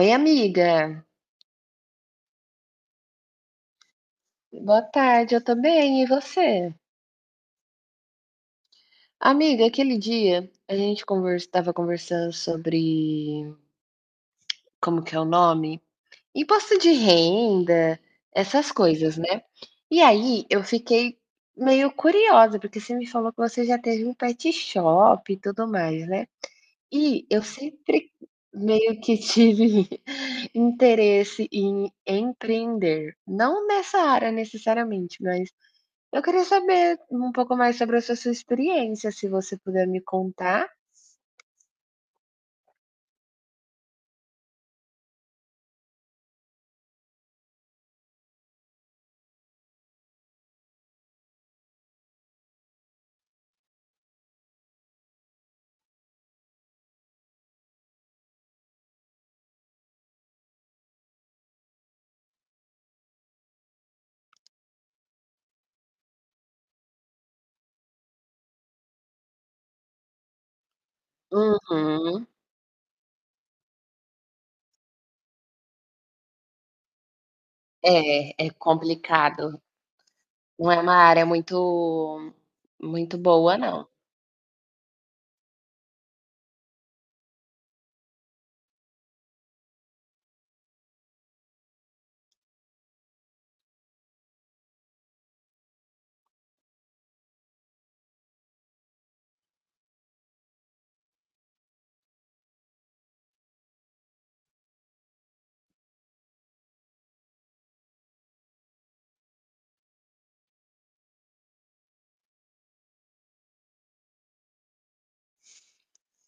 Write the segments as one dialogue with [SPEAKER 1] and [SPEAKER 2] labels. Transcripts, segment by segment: [SPEAKER 1] Oi, amiga. Boa tarde, eu tô bem, e você? Amiga, aquele dia a gente estava conversando sobre como que é o nome? Imposto de renda, essas coisas, né? E aí eu fiquei meio curiosa, porque você me falou que você já teve um pet shop e tudo mais, né? E eu sempre meio que tive interesse em empreender. Não nessa área necessariamente, mas eu queria saber um pouco mais sobre essa sua experiência, se você puder me contar. Uhum. É, é complicado. Não é uma área muito muito boa não.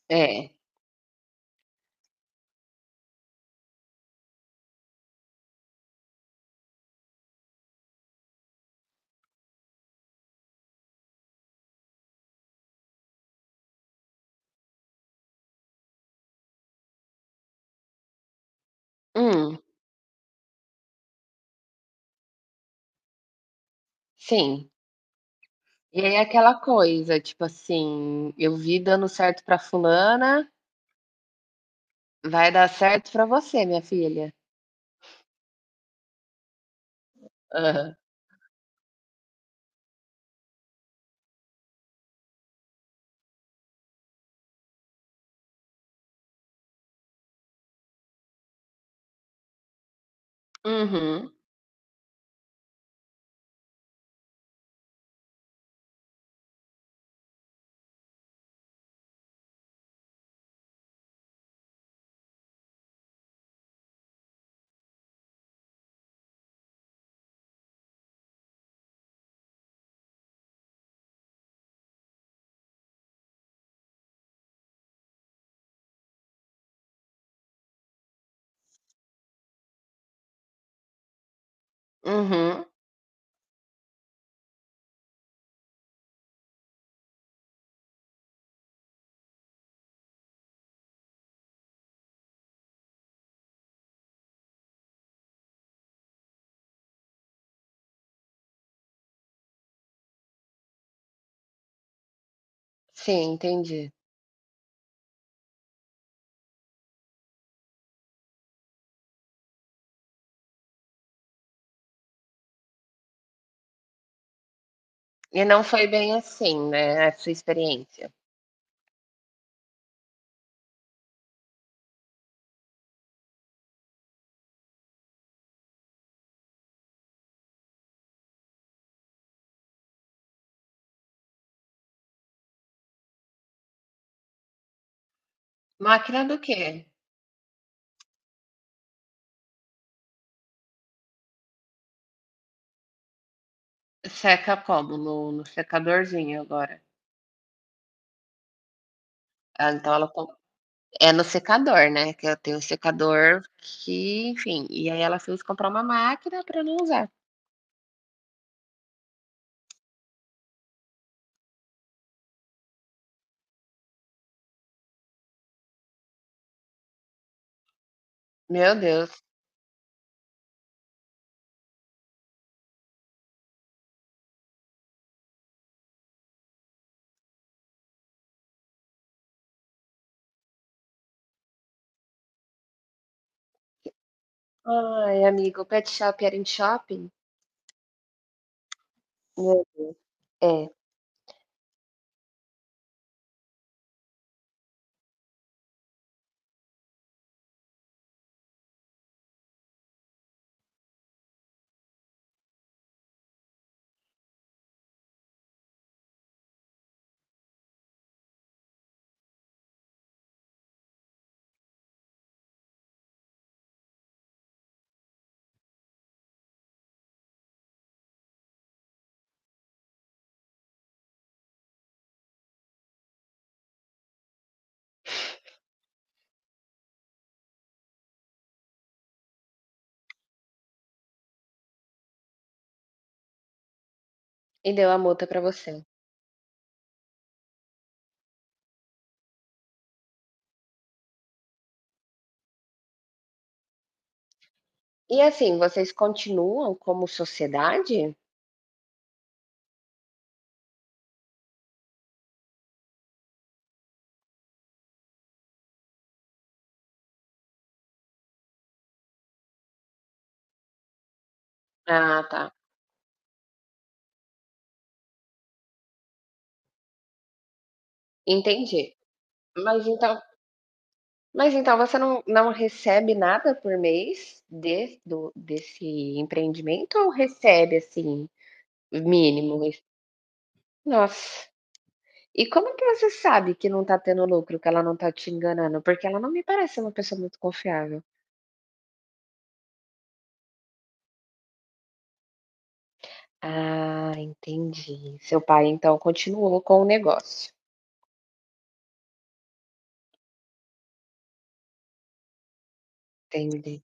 [SPEAKER 1] É. Hum, sim. E aí é aquela coisa, tipo assim, eu vi dando certo pra fulana, vai dar certo pra você, minha filha. Aham. Uhum, uhum. Sim, entendi. E não foi bem assim, né, a sua experiência. Máquina do quê? Seca como? No secadorzinho agora. Ah, então ela com é no secador, né, que eu tenho um secador que, enfim, e aí ela fez comprar uma máquina pra não usar. Meu Deus. Ai, amigo, o pet shop era em shopping? Meu. É, e deu a multa pra você. E assim, vocês continuam como sociedade? Ah, tá, entendi. Mas então mas então você não recebe nada por mês de do desse empreendimento ou recebe, assim, mínimo, isso. Nossa. E como que você sabe que não tá tendo lucro, que ela não tá te enganando? Porque ela não me parece uma pessoa muito confiável. Ah, entendi. Seu pai, então, continuou com o negócio. Entendi.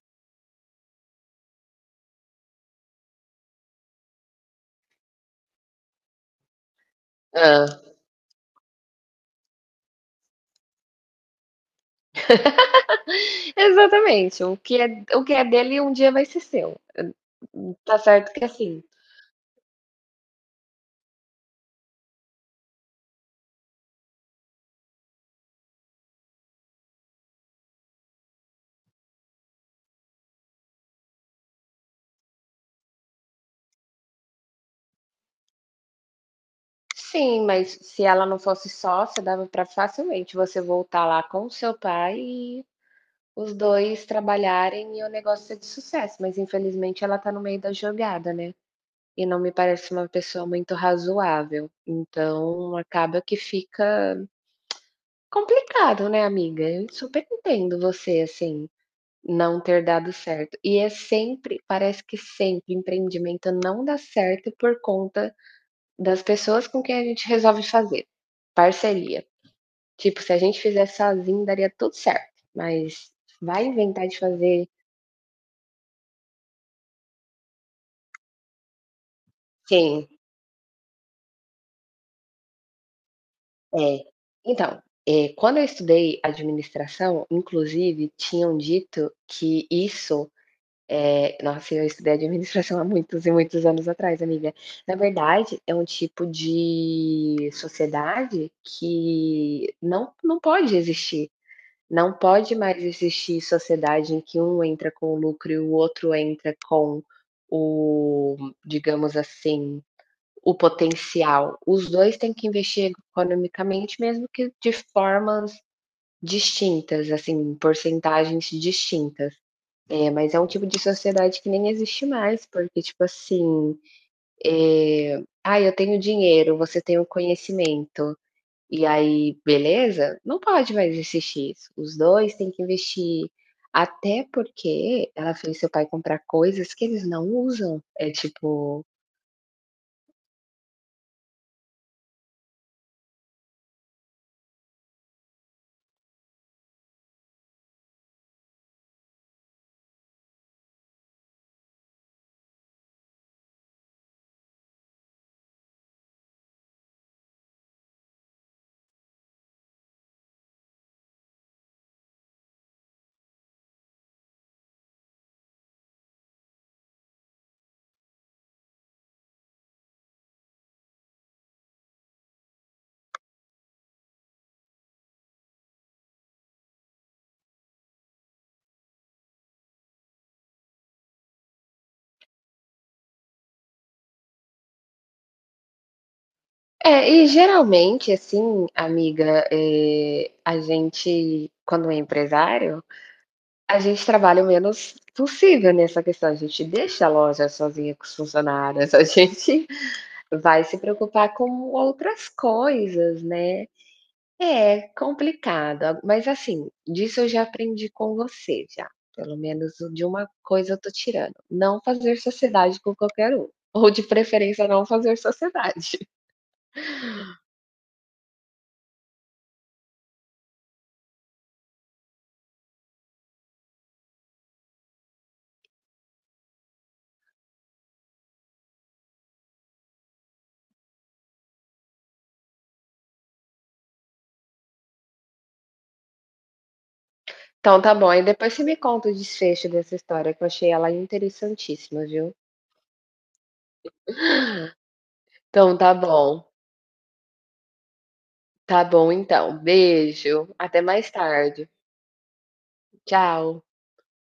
[SPEAKER 1] Hã. Exatamente, o que é dele um dia vai ser seu. Tá certo que é assim. Sim, mas se ela não fosse sócia, dava pra facilmente você voltar lá com o seu pai e os 2 trabalharem e o negócio ser de sucesso, mas infelizmente ela tá no meio da jogada, né. E não me parece uma pessoa muito razoável. Então acaba que fica complicado, né, amiga? Eu super entendo você, assim, não ter dado certo. E é sempre parece que sempre empreendimento não dá certo por conta das pessoas com quem a gente resolve fazer parceria. Tipo, se a gente fizesse sozinho, daria tudo certo, mas vai inventar de fazer. Sim. É. Então, quando eu estudei administração, inclusive tinham dito que isso, nossa, eu estudei administração há muitos e muitos anos atrás, amiga. Na verdade, é um tipo de sociedade que não pode existir. Não pode mais existir sociedade em que um entra com o lucro e o outro entra com o, digamos assim, o potencial. Os dois têm que investir economicamente, mesmo que de formas distintas, assim, porcentagens distintas. É, mas é um tipo de sociedade que nem existe mais, porque, tipo assim, é, ah, eu tenho dinheiro, você tem o conhecimento, e aí, beleza? Não pode mais existir isso. Os dois têm que investir. Até porque ela fez seu pai comprar coisas que eles não usam. É tipo, é, e geralmente, assim, amiga, a gente, quando é empresário, a gente trabalha o menos possível nessa questão. A gente deixa a loja sozinha com os funcionários, a gente vai se preocupar com outras coisas, né. É complicado, a mas assim, disso eu já aprendi com você já, pelo menos de uma coisa eu tô tirando: não fazer sociedade com qualquer um, ou de preferência não fazer sociedade. Então tá bom, aí depois você me conta o desfecho dessa história que eu achei ela interessantíssima, viu. Então tá bom então, beijo, até mais tarde, tchau.